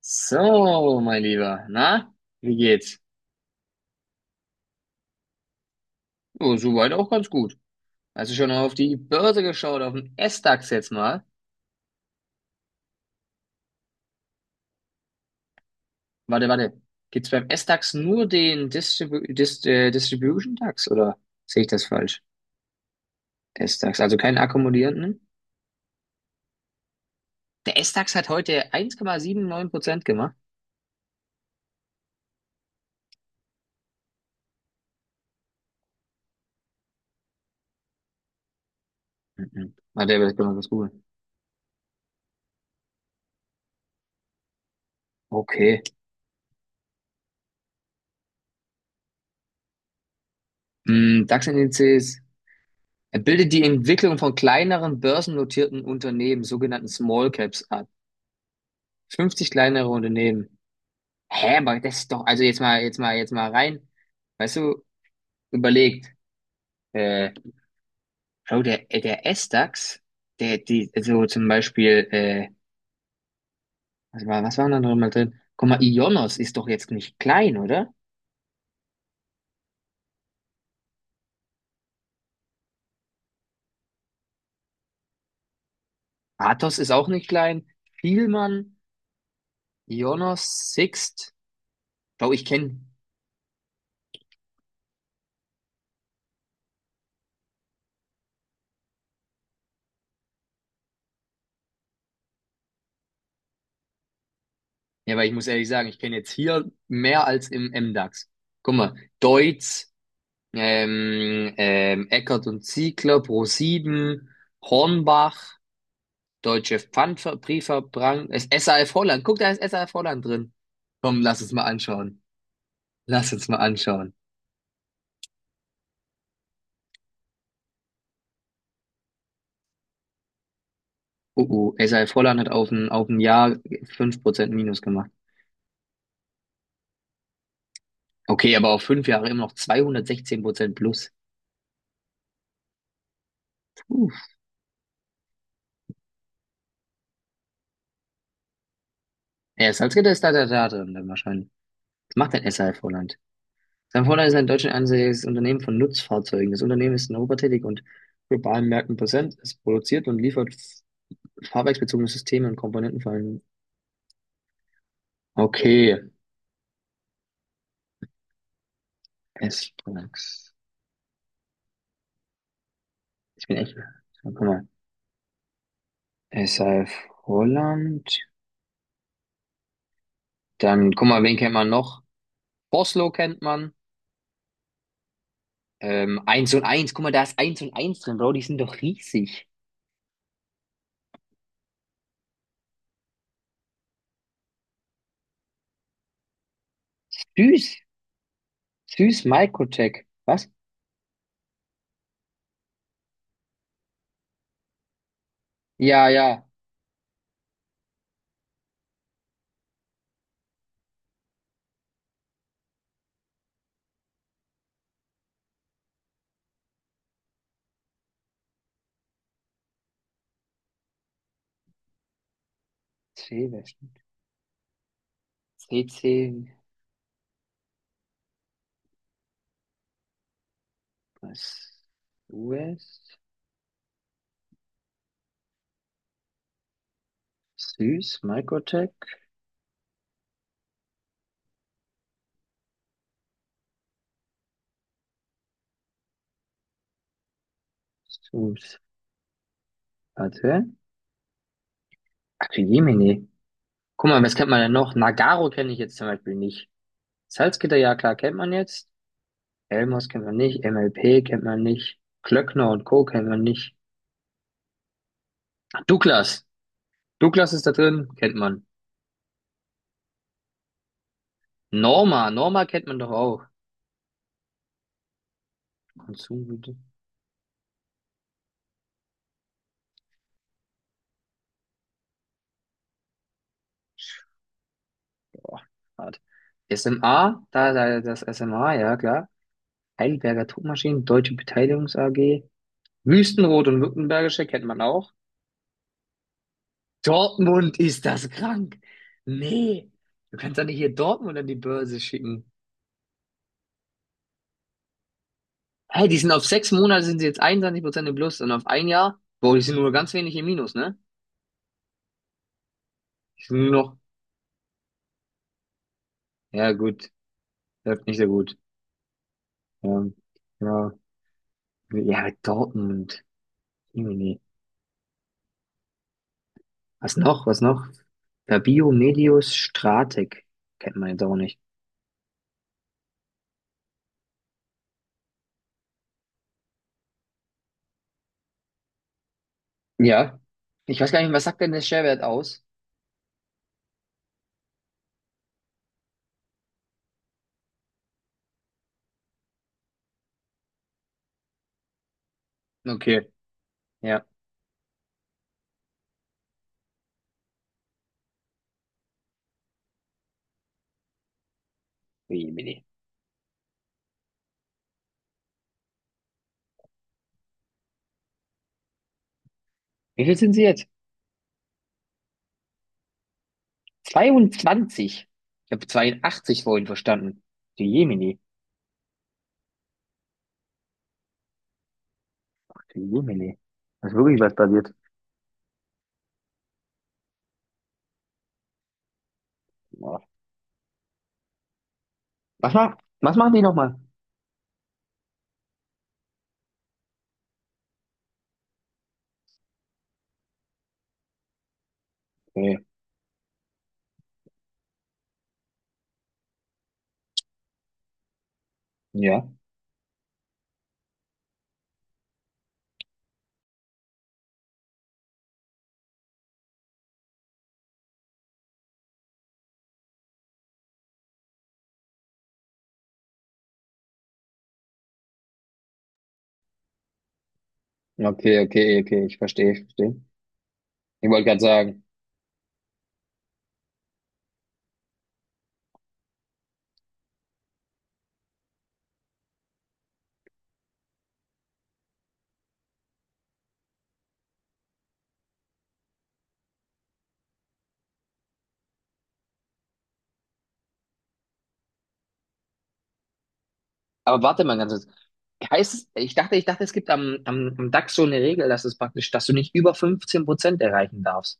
So, mein Lieber, na, wie geht's? Oh, soweit auch ganz gut. Hast du schon auf die Börse geschaut, auf den S-DAX jetzt mal? Warte, warte. Gibt's beim S-DAX nur den Distribution DAX oder sehe ich das falsch? S-DAX, also keinen akkumulierenden? Der S-DAX hat heute 1,79% gemacht. Mhm. Warte, aber das können wir was googeln. Okay. DAX-Indizes. Er bildet die Entwicklung von kleineren börsennotierten Unternehmen, sogenannten Small Caps, ab. 50 kleinere Unternehmen. Hä, aber das ist doch, also jetzt mal rein, weißt du, überlegt, äh, Bro, der S-Dax, der, die, also zum Beispiel, was war da noch mal drin? Guck mal, Ionos ist doch jetzt nicht klein, oder? Athos ist auch nicht klein, Thielmann, Ionos, Sixt, Bro, ich kenne, ja, weil ich muss ehrlich sagen, ich kenne jetzt hier mehr als im M-Dax. Guck mal, Deutz, Eckert und Ziegler, ProSieben, Hornbach, Deutsche Pfandbriefverbrang. Ist SAF Holland. Guck, da ist SAF Holland drin. Komm, lass uns mal anschauen. Lass uns mal anschauen. Oh, oh, SAF Holland hat auf ein Jahr 5% Minus gemacht. Okay, aber auf 5 Jahre immer noch 216% plus. Puh. Ja, Salzgitter ist da drin dann wahrscheinlich. Was macht denn SAF Holland? SAF Holland ist ein deutsch ansässiges Unternehmen von Nutzfahrzeugen. Das Unternehmen ist in Europa tätig und globalen Märkten präsent. Es produziert und liefert fahrwerksbezogene Systeme und Komponenten vor allem. Okay, S-Products. Ich bin echt. So, guck mal. SAF Holland. Dann, guck mal, wen kennt man noch? Boslo kennt man. 1 und eins, guck mal, da ist eins und eins drin, Bro. Die sind doch riesig. Süß. Süß Microtech. Was? Ja, ja. C, wer stimmt? CC. Was? US? Süß Microtech. Süß. Warte. Ach, Jemine. Guck mal, was kennt man denn noch? Nagaro kenne ich jetzt zum Beispiel nicht. Salzgitter, ja klar, kennt man jetzt. Elmos kennt man nicht, MLP kennt man nicht, Klöckner und Co. kennt man nicht. Douglas. Douglas ist da drin, kennt man. Norma, Norma kennt man doch auch. Konsumgüte. Boah, hart. SMA, da das SMA, ja klar. Heidelberger Druckmaschinen, Deutsche Beteiligungs AG. Wüstenrot und Württembergische kennt man auch. Dortmund ist das krank. Nee, du kannst doch nicht hier Dortmund an die Börse schicken. Hey, die sind auf 6 Monate sind sie jetzt 21% im Plus und auf ein Jahr, boah, die sind nur ganz wenig im Minus, ne? Die sind nur noch, ja gut, läuft nicht so gut. Ähm, ja, ja, Dortmund, Jemini. Was noch, was noch? Fabio Medius Stratek, kennt man jetzt auch nicht. Ja, ich weiß gar nicht, was sagt denn der Schwerwert aus? Okay, ja, Jemini. Wie viel sind sie jetzt? 22. Ich habe 82 vorhin verstanden. Die Jemini, die Jemini. Da ist wirklich was passiert? Was macht, was machen die nochmal? Okay. Ja. Okay, okay, okay. Ich verstehe, ich verstehe. Ich wollte gerade sagen. Aber warte mal ganz kurz. Heißt es, ich dachte, es gibt am DAX so eine Regel, dass du nicht über 15% erreichen darfst.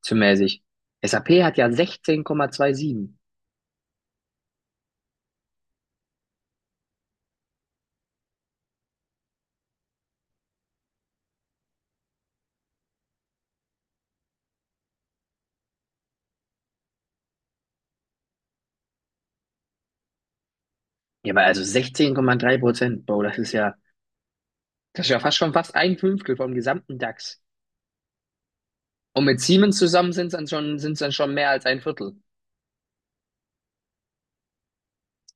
Zumäßig. SAP hat ja 16,27. Ja, aber also 16,3%, Bro, das ist ja fast ein Fünftel vom gesamten DAX. Und mit Siemens zusammen sind es dann schon mehr als ein Viertel.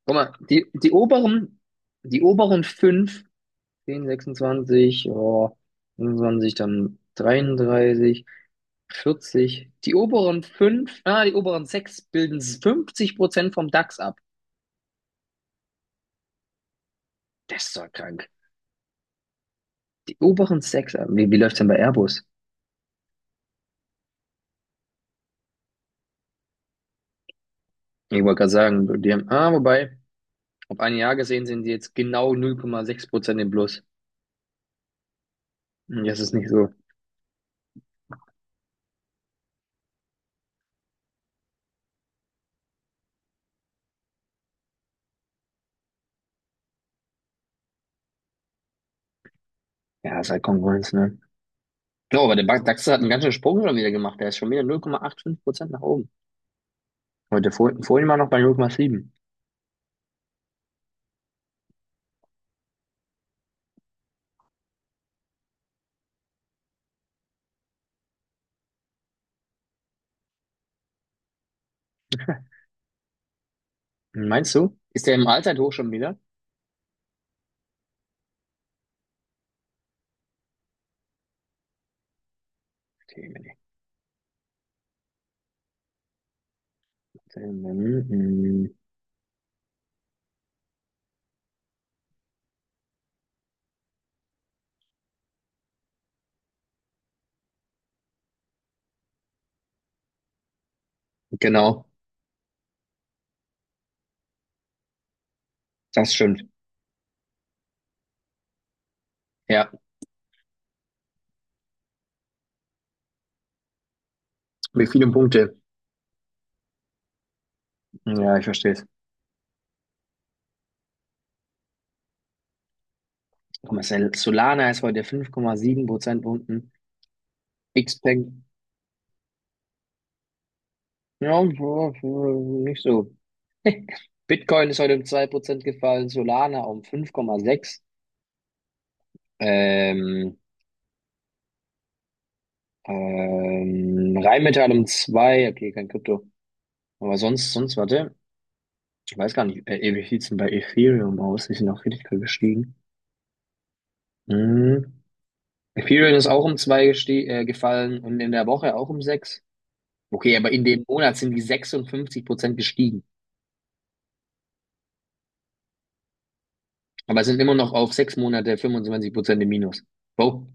Guck mal, die oberen fünf 10, 26, oh, 25, dann 33, 40. Die oberen 6 bilden 50% vom DAX ab. Das ist doch krank. Die oberen 6, wie läuft's denn bei Airbus? Ich wollte gerade sagen, wobei, auf ein Jahr gesehen sind die jetzt genau 0,6% im Plus. Hm, das ist nicht so. Ja, ist halt Konkurrenz, ne? Oh, aber der DAX hat einen ganzen Sprung schon wieder gemacht. Der ist schon wieder 0,85% nach oben. Heute vorhin war noch bei 0,7. Meinst du? Ist der im Alter hoch schon wieder? Okay, nee, nee. Hm, genau, das stimmt. Ja, mit vielen Punkte. Ja, ich verstehe es. Guck mal, Solana ist heute 5,7 Prozentpunkten. Xpeng, ja, ja, ja, nicht so. Bitcoin ist heute um 2% gefallen, Solana um 5,6. Ähm, Rheinmetall um zwei. Okay, kein Krypto. Aber sonst, warte, ich weiß gar nicht, wie sieht's denn bei Ethereum aus? Die sind auch richtig gestiegen. Mhm. Ethereum ist auch um zwei gefallen und in der Woche auch um sechs. Okay, aber in dem Monat sind die 56% gestiegen. Aber sind immer noch auf sechs Monate 25% im Minus. Wow.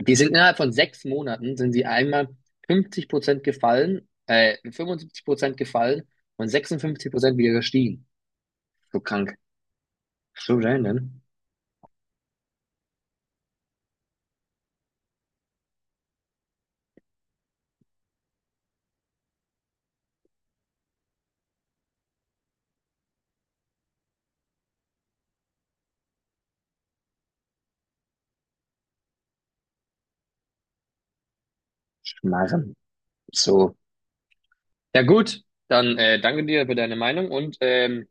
Die sind innerhalb von 6 Monaten sind sie einmal 50% gefallen, 75% gefallen und 56% wieder gestiegen. So krank. So random. Schmarren. So. Ja gut, dann danke dir für deine Meinung.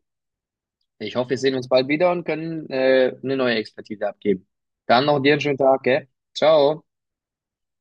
Ich hoffe, wir sehen uns bald wieder und können eine neue Expertise abgeben. Dann noch dir einen schönen Tag, gell? Ciao.